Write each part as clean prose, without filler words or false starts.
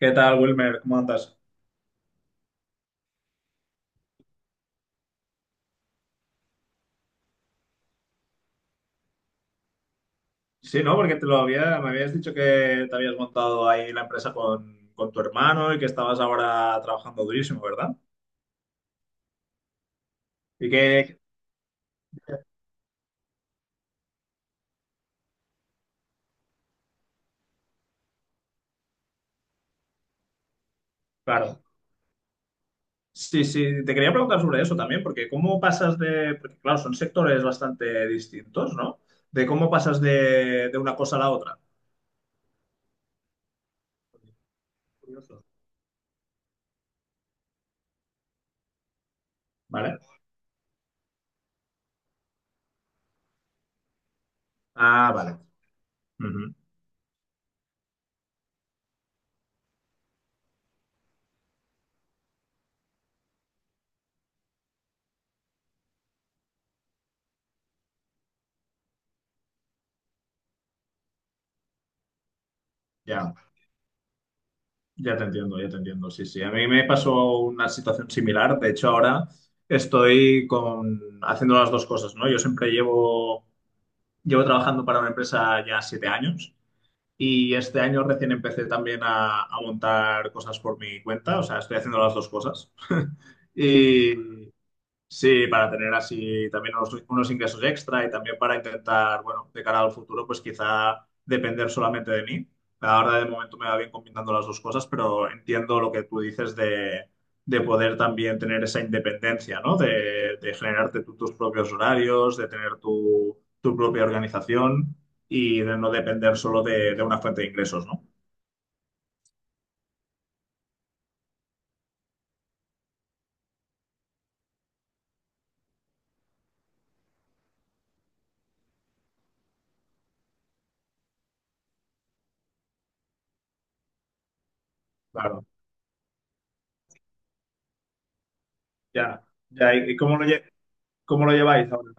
¿Qué tal, Wilmer? ¿Cómo andas? Sí, ¿no? Porque me habías dicho que te habías montado ahí la empresa con tu hermano y que estabas ahora trabajando durísimo, ¿verdad? Y que, claro, sí, te quería preguntar sobre eso también, porque porque claro, son sectores bastante distintos, ¿no? De cómo pasas de una cosa a la otra. Curioso. ¿Vale? Ah, vale. Ujú. Ya. Ya te entiendo, ya te entiendo. Sí, sí. A mí me pasó una situación similar. De hecho, ahora haciendo las dos cosas, ¿no? Llevo trabajando para una empresa ya 7 años y este año recién empecé también a montar cosas por mi cuenta. O sea, estoy haciendo las dos cosas. Y, sí, para tener así también unos ingresos extra y también para intentar, bueno, de cara al futuro, pues quizá depender solamente de mí. Ahora de momento me va bien combinando las dos cosas, pero entiendo lo que tú dices de poder también tener esa independencia, ¿no? De generarte tú tus propios horarios, de tener tu propia organización y de no depender solo de una fuente de ingresos, ¿no? Claro, ya, ya. ¿Y cómo lo lleváis ahora?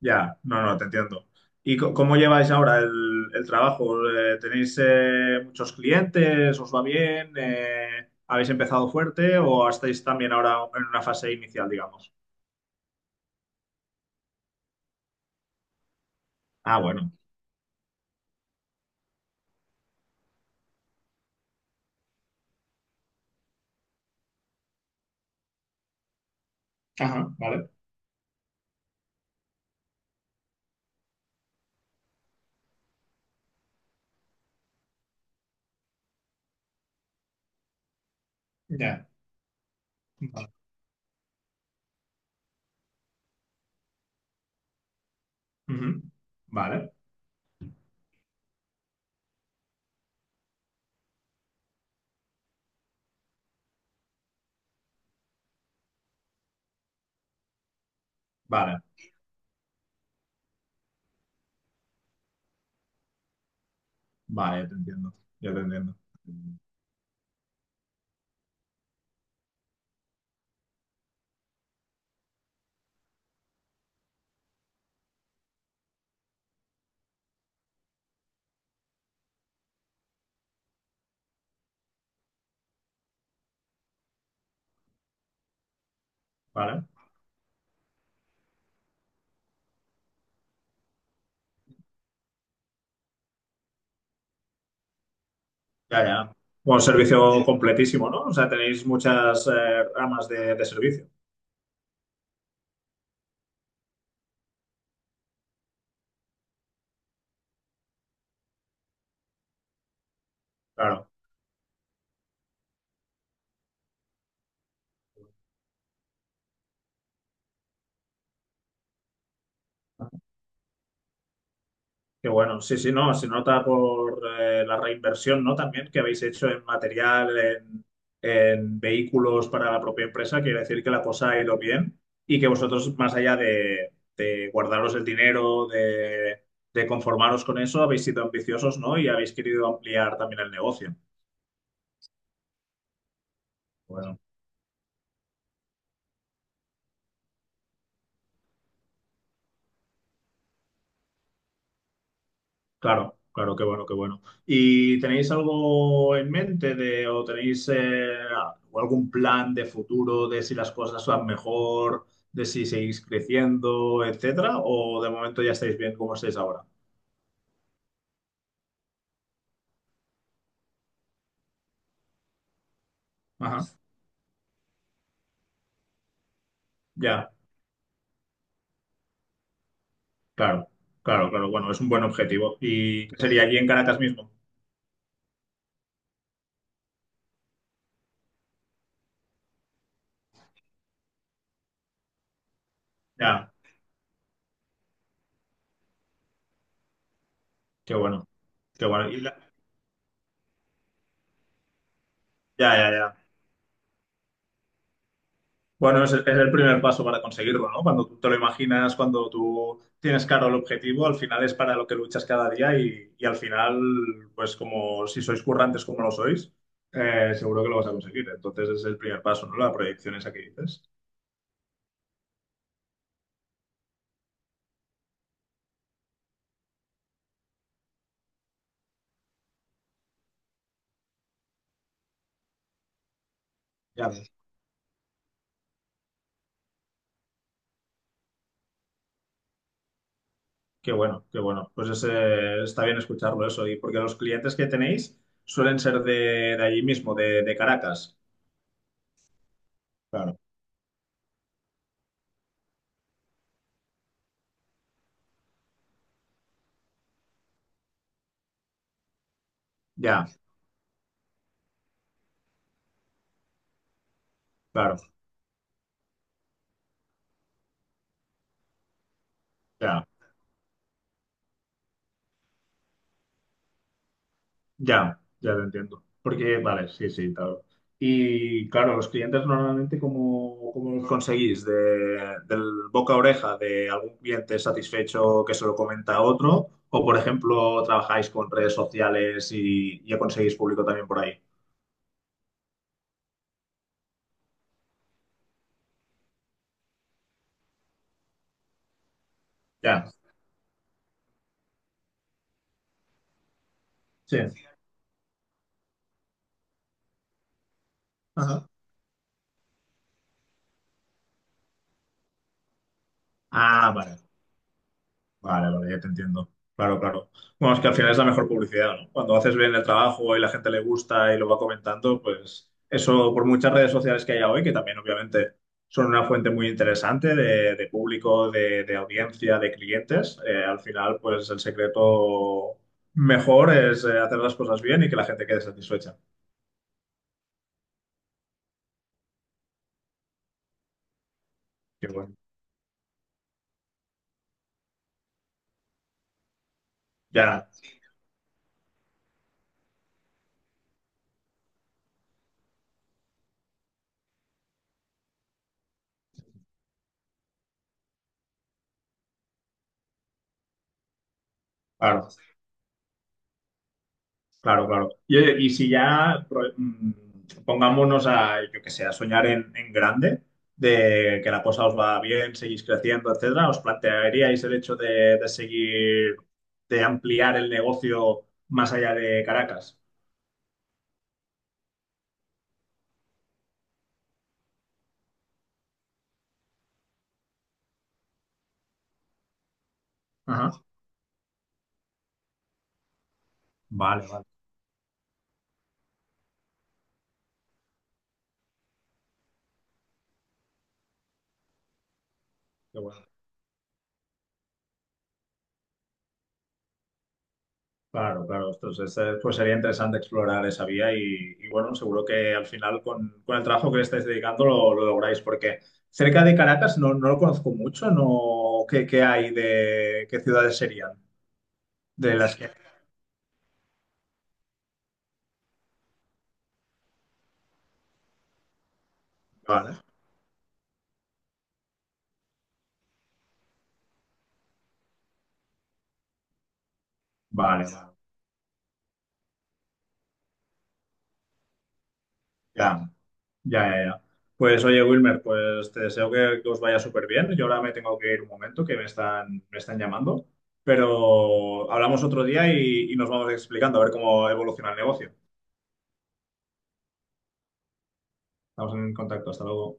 Ya, no, no, te entiendo. ¿Y cómo lleváis ahora el trabajo? ¿Tenéis muchos clientes? ¿Os va bien? ¿Habéis empezado fuerte o estáis también ahora en una fase inicial, digamos? Ah, bueno. Ajá, vale. Ya. Vale. Ujú. Vale, vale, vale, ya te entiendo. Ya te entiendo. Vale, ya, ya. Bueno, servicio completísimo, ¿no? O sea, tenéis muchas ramas de servicio. Claro. Qué bueno, sí, sí, no, se nota por la reinversión, ¿no? También que habéis hecho en material, en vehículos para la propia empresa, quiere decir que la cosa ha ido bien y que vosotros, más allá de guardaros el dinero, de conformaros con eso, habéis sido ambiciosos, ¿no? Y habéis querido ampliar también el negocio. Bueno. Claro, claro, qué bueno, qué bueno. ¿Y tenéis algo en mente de, o tenéis o algún plan de futuro de si las cosas van mejor, de si seguís creciendo, etcétera? ¿O de momento ya estáis bien como estáis ahora? Ajá, ya, claro, claro, claro. Bueno, es un buen objetivo. ¿Y qué sería aquí en Caracas mismo? Ya, qué bueno, qué bueno. Y ya, ya, ya. Bueno, es el primer paso para conseguirlo, ¿no? Cuando tú te lo imaginas, cuando tú tienes claro el objetivo, al final es para lo que luchas cada día y al final, pues como si sois currantes como lo sois, seguro que lo vas a conseguir. Entonces es el primer paso, ¿no? La proyección esa que dices. Ya ves. Qué bueno, qué bueno. Pues está bien escucharlo eso. Y porque los clientes que tenéis suelen ser de allí mismo, de Caracas. Claro. Ya, claro, ya. Ya, ya lo entiendo. Porque, vale, sí, sí, claro. Y claro, los clientes normalmente, ¿cómo los conseguís? De, ¿del boca a oreja de algún cliente satisfecho que se lo comenta a otro? ¿O, por ejemplo, trabajáis con redes sociales y conseguís público también por ahí? Ya, sí. Ajá. Ah, vale. Vale, vale, ya te entiendo. Claro, claro. Bueno, es que al final es la mejor publicidad, ¿no? Cuando haces bien el trabajo y la gente le gusta y lo va comentando, pues eso por muchas redes sociales que haya hoy, que también obviamente son una fuente muy interesante de público, de audiencia, de clientes, al final pues el secreto mejor es hacer las cosas bien y que la gente quede satisfecha. Qué bueno, ya, claro. Claro, claro. Y, oye, y si ya pongámonos a, yo que sé, a soñar en grande, de que la cosa os va bien, seguís creciendo, etcétera, ¿os plantearíais el hecho de seguir, de ampliar el negocio más allá de Caracas? Ajá. Vale, vale. Qué bueno. Claro, claro. Entonces, pues sería interesante explorar esa vía y, bueno, seguro que al final con el trabajo que le estáis dedicando lo lográis, porque cerca de Caracas no, no lo conozco mucho, no, qué hay de, qué ciudades serían? De las que... Vale, vale, ya, ya. Pues oye, Wilmer, pues te deseo que os vaya súper bien. Yo ahora me tengo que ir un momento, que me están llamando, pero hablamos otro día y nos vamos explicando a ver cómo evoluciona el negocio. Estamos en contacto, hasta luego.